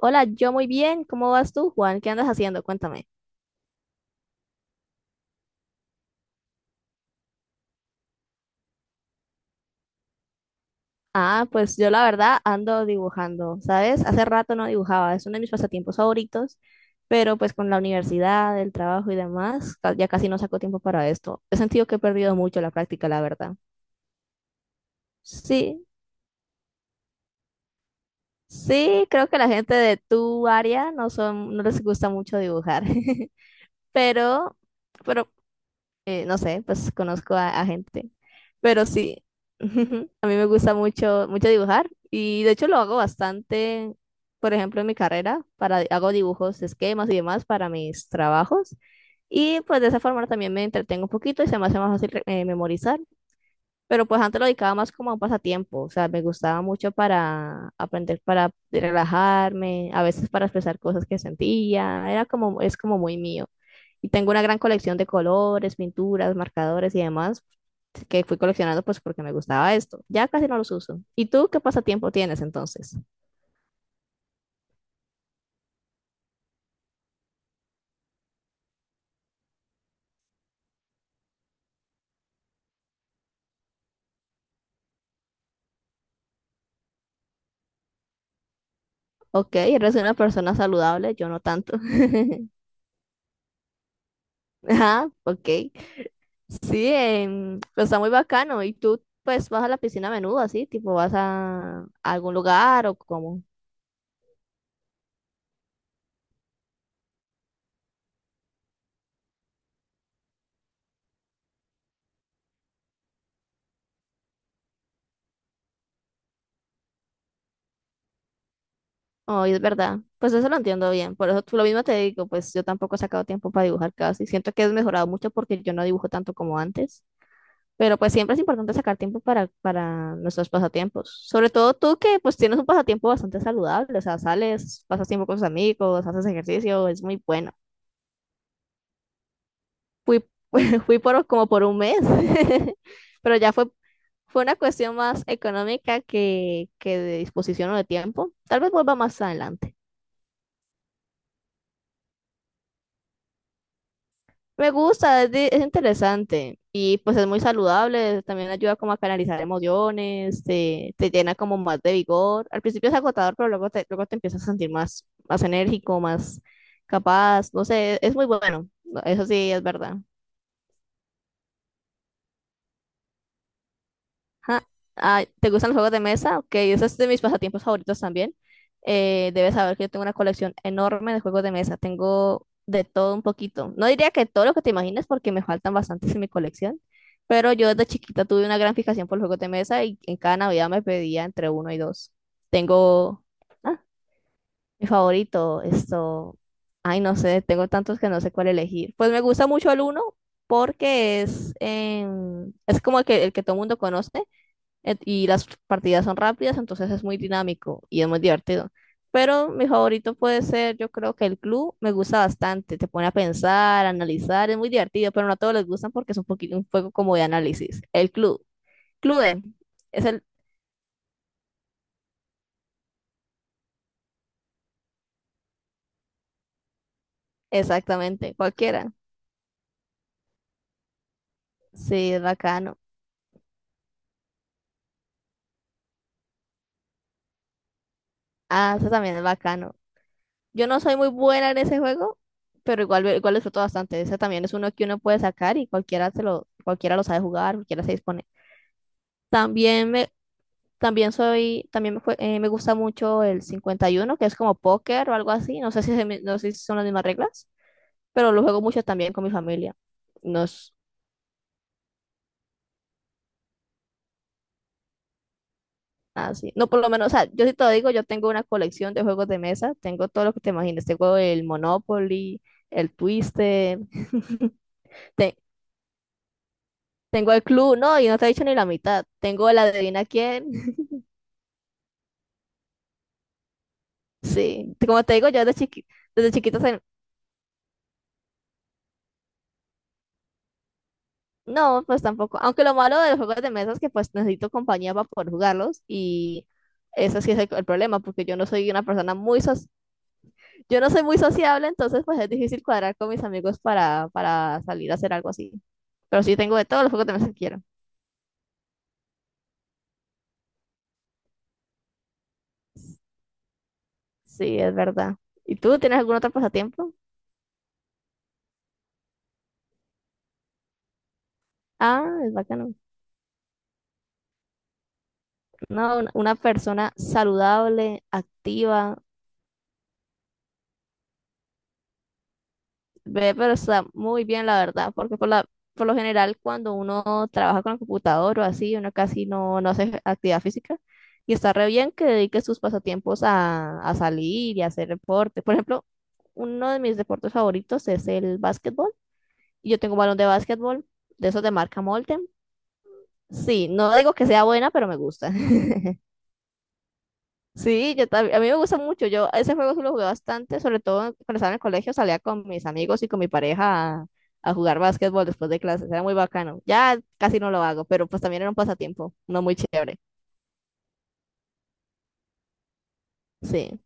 Hola, yo muy bien. ¿Cómo vas tú, Juan? ¿Qué andas haciendo? Cuéntame. Ah, pues yo la verdad ando dibujando, ¿sabes? Hace rato no dibujaba, es uno de mis pasatiempos favoritos, pero pues con la universidad, el trabajo y demás, ya casi no saco tiempo para esto. He sentido que he perdido mucho la práctica, la verdad. Sí, sí, creo que la gente de tu área no son, no les gusta mucho dibujar, pero, pero no sé, pues conozco a gente. Pero sí, a mí me gusta mucho, mucho dibujar y de hecho lo hago bastante, por ejemplo, en mi carrera, hago dibujos, esquemas y demás para mis trabajos. Y pues de esa forma también me entretengo un poquito y se me hace más fácil memorizar. Pero pues antes lo dedicaba más como a un pasatiempo, o sea, me gustaba mucho para aprender, para relajarme, a veces para expresar cosas que sentía, es como muy mío. Y tengo una gran colección de colores, pinturas, marcadores y demás que fui coleccionando pues porque me gustaba esto. Ya casi no los uso. ¿Y tú qué pasatiempo tienes entonces? Ok, eres una persona saludable, yo no tanto. Ajá, ok. Sí, pero está muy bacano. ¿Y tú, pues, vas a la piscina a menudo, así? Tipo, ¿vas a algún lugar o cómo? Oh, y es verdad. Pues eso lo entiendo bien. Por eso tú lo mismo te digo, pues yo tampoco he sacado tiempo para dibujar casi. Siento que he mejorado mucho porque yo no dibujo tanto como antes. Pero pues siempre es importante sacar tiempo para nuestros pasatiempos. Sobre todo tú que pues tienes un pasatiempo bastante saludable. O sea, sales, pasas tiempo con tus amigos, haces ejercicio, es muy bueno. Fui, fui por como por un mes. Pero ya fue Fue una cuestión más económica que de disposición o de tiempo. Tal vez vuelva más adelante. Me gusta, es interesante y pues es muy saludable, también ayuda como a canalizar emociones, te llena como más de vigor. Al principio es agotador, pero luego te empiezas a sentir más, más enérgico, más capaz, no sé, es muy bueno, eso sí es verdad. Ajá. Ah, ¿te gustan los juegos de mesa? Ok, ese es de mis pasatiempos favoritos también. Debes saber que yo tengo una colección enorme de juegos de mesa. Tengo de todo un poquito. No diría que todo lo que te imagines porque me faltan bastantes en mi colección, pero yo desde chiquita tuve una gran fijación por los juegos de mesa y en cada Navidad me pedía entre uno y dos. Tengo, ah, mi favorito, esto, ay, no sé, tengo tantos que no sé cuál elegir. Pues me gusta mucho el uno porque es como el que todo el mundo conoce. Y las partidas son rápidas, entonces es muy dinámico y es muy divertido. Pero mi favorito puede ser, yo creo que el club me gusta bastante, te pone a pensar, a analizar, es muy divertido, pero no a todos les gustan porque es un poquito un juego como de análisis. El club, Clue, es el, exactamente, cualquiera. Sí, es bacano. Ah, ese también es bacano. Yo no soy muy buena en ese juego, pero igual disfruto bastante. Ese también es uno que uno puede sacar y cualquiera lo sabe jugar, cualquiera se dispone. También me, También soy, también me, jue- me gusta mucho el 51 que es como póker o algo así. No sé si son las mismas reglas, pero lo juego mucho también con mi familia. No es así. No, por lo menos, o sea, yo sí te lo digo, yo tengo una colección de juegos de mesa. Tengo todo lo que te imagines. Tengo el Monopoly, el Twister, te- tengo el club, no, y no te he dicho ni la mitad. Tengo el adivina quién. Sí, como te digo, yo desde desde chiquita. No, pues tampoco. Aunque lo malo de los juegos de mesa es que pues necesito compañía para poder jugarlos y eso sí es el problema porque yo no soy una persona yo no soy muy sociable, entonces pues es difícil cuadrar con mis amigos para salir a hacer algo así. Pero sí tengo de todos los juegos de mesa que quiero. Sí, es verdad. ¿Y tú tienes algún otro pasatiempo? Ah, es bacano. No, una persona saludable, activa. Ve, pero está muy bien, la verdad, porque por lo general cuando uno trabaja con el computador o así, uno casi no hace actividad física y está re bien que dedique sus pasatiempos a salir y a hacer deporte. Por ejemplo, uno de mis deportes favoritos es el básquetbol. Y yo tengo un balón de básquetbol, de esos de marca Molten. Sí, no digo que sea buena, pero me gusta. Sí, yo también, a mí me gusta mucho, yo ese juego sí lo jugué bastante, sobre todo cuando estaba en el colegio, salía con mis amigos y con mi pareja a jugar básquetbol después de clases, era muy bacano. Ya casi no lo hago, pero pues también era un pasatiempo, no muy chévere, sí.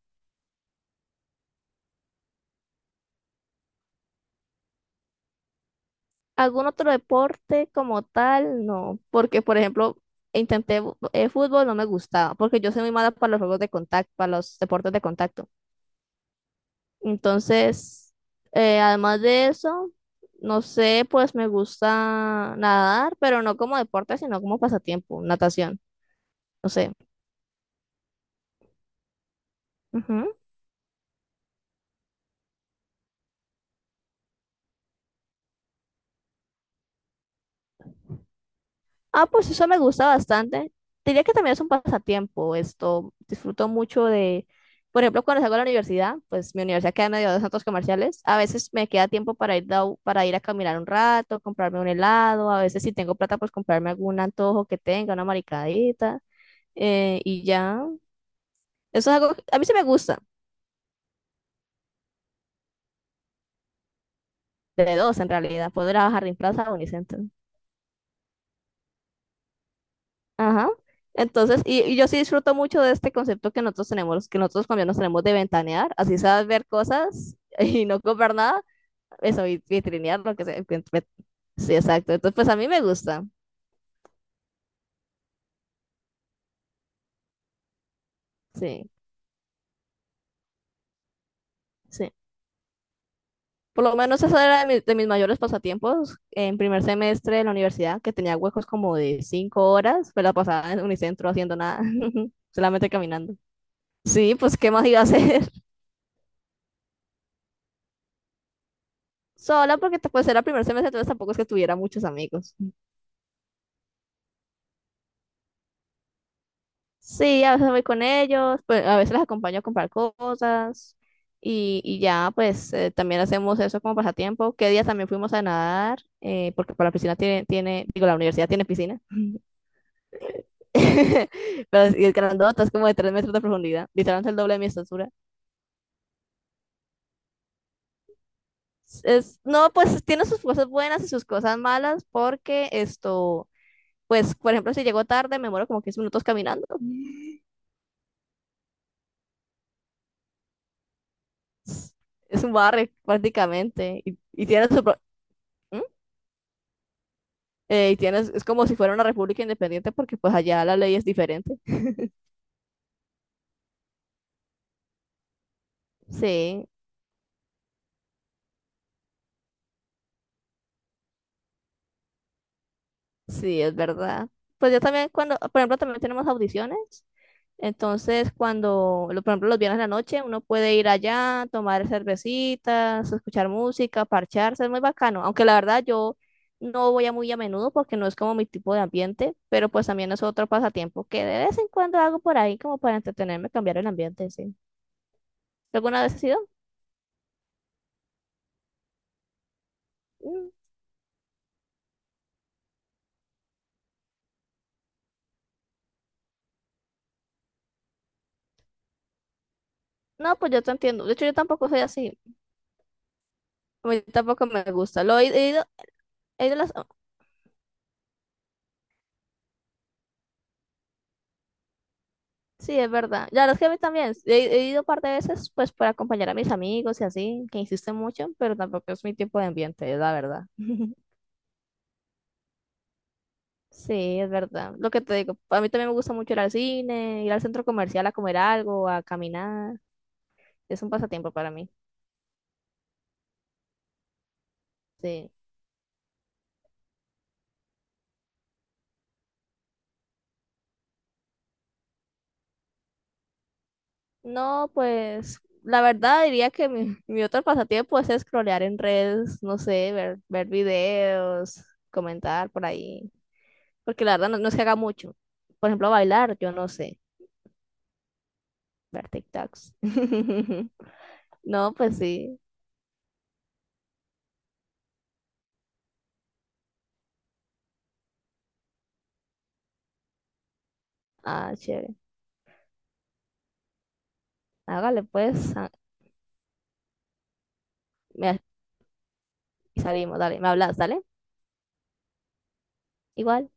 ¿Algún otro deporte como tal? No, porque por ejemplo, fútbol, no me gustaba, porque yo soy muy mala para los juegos de contacto, para los deportes de contacto. Entonces, además de eso, no sé, pues me gusta nadar, pero no como deporte, sino como pasatiempo, natación, no sé. Ujú. Ah, pues eso me gusta bastante. Diría que también es un pasatiempo esto. Disfruto mucho por ejemplo, cuando salgo a la universidad, pues mi universidad queda en medio de centros comerciales. A veces me queda tiempo para ir a caminar un rato, comprarme un helado. A veces si tengo plata, pues comprarme algún antojo que tenga, una maricadita. Y ya. Eso es algo que a mí sí me gusta, de dos en realidad, poder ir a Jardín Plaza o Unicentro. Ajá. Entonces, y yo sí disfruto mucho de este concepto que nosotros tenemos, que nosotros colombianos tenemos de ventanear, así sabes ver cosas y no comprar nada, eso, y vitrinear lo que sea. Sí, exacto. Entonces, pues a mí me gusta, sí, sí. Por lo menos eso era de mis mayores pasatiempos en primer semestre de la universidad, que tenía huecos como de 5 horas, pues la pasaba en Unicentro haciendo nada, solamente caminando. Sí, pues, ¿qué más iba a hacer? Sola porque pues era el primer semestre, entonces tampoco es que tuviera muchos amigos. Sí, a veces voy con ellos, pues a veces las acompaño a comprar cosas y ya, pues también hacemos eso como pasatiempo. ¿Qué día también fuimos a nadar? Porque para la piscina digo, la universidad tiene piscina, pero y el grandota es como de 3 metros de profundidad, literalmente el doble de mi estatura. Es, no, pues tiene sus cosas buenas y sus cosas malas porque esto... Pues, por ejemplo, si llego tarde, me muero como 15 minutos caminando. Es un barrio prácticamente y tiene su ¿Mm? Y tienes, es como si fuera una república independiente porque pues allá la ley es diferente. Sí, sí, es verdad. Pues yo también cuando, por ejemplo, también tenemos audiciones. Entonces, por ejemplo, los viernes en la noche, uno puede ir allá, tomar cervecitas, escuchar música, parcharse, es muy bacano. Aunque la verdad yo no voy a muy a menudo porque no es como mi tipo de ambiente, pero pues también es otro pasatiempo que de vez en cuando hago por ahí como para entretenerme, cambiar el ambiente, sí. ¿Alguna vez has ido? Mm. No, pues yo te entiendo. De hecho, yo tampoco soy así. A mí tampoco me gusta. Lo he ido, Sí, es verdad. Ya, los que a mí también. He ido un par de veces, pues, para acompañar a mis amigos y así, que insisten mucho, pero tampoco es mi tiempo de ambiente, es la verdad. Sí, es verdad. Lo que te digo, a mí también me gusta mucho ir al cine, ir al centro comercial a comer algo, a caminar. Es un pasatiempo para mí. Sí. No, pues, la verdad diría que mi, mi otro pasatiempo pues, es scrollear en redes, no sé, ver videos, comentar por ahí. Porque la verdad no, no se haga mucho. Por ejemplo, bailar, yo no sé. Ver TikToks. No, pues sí. Ah, chévere. Hágale pues. Ah, me- salimos, dale. Me hablas, dale. Igual.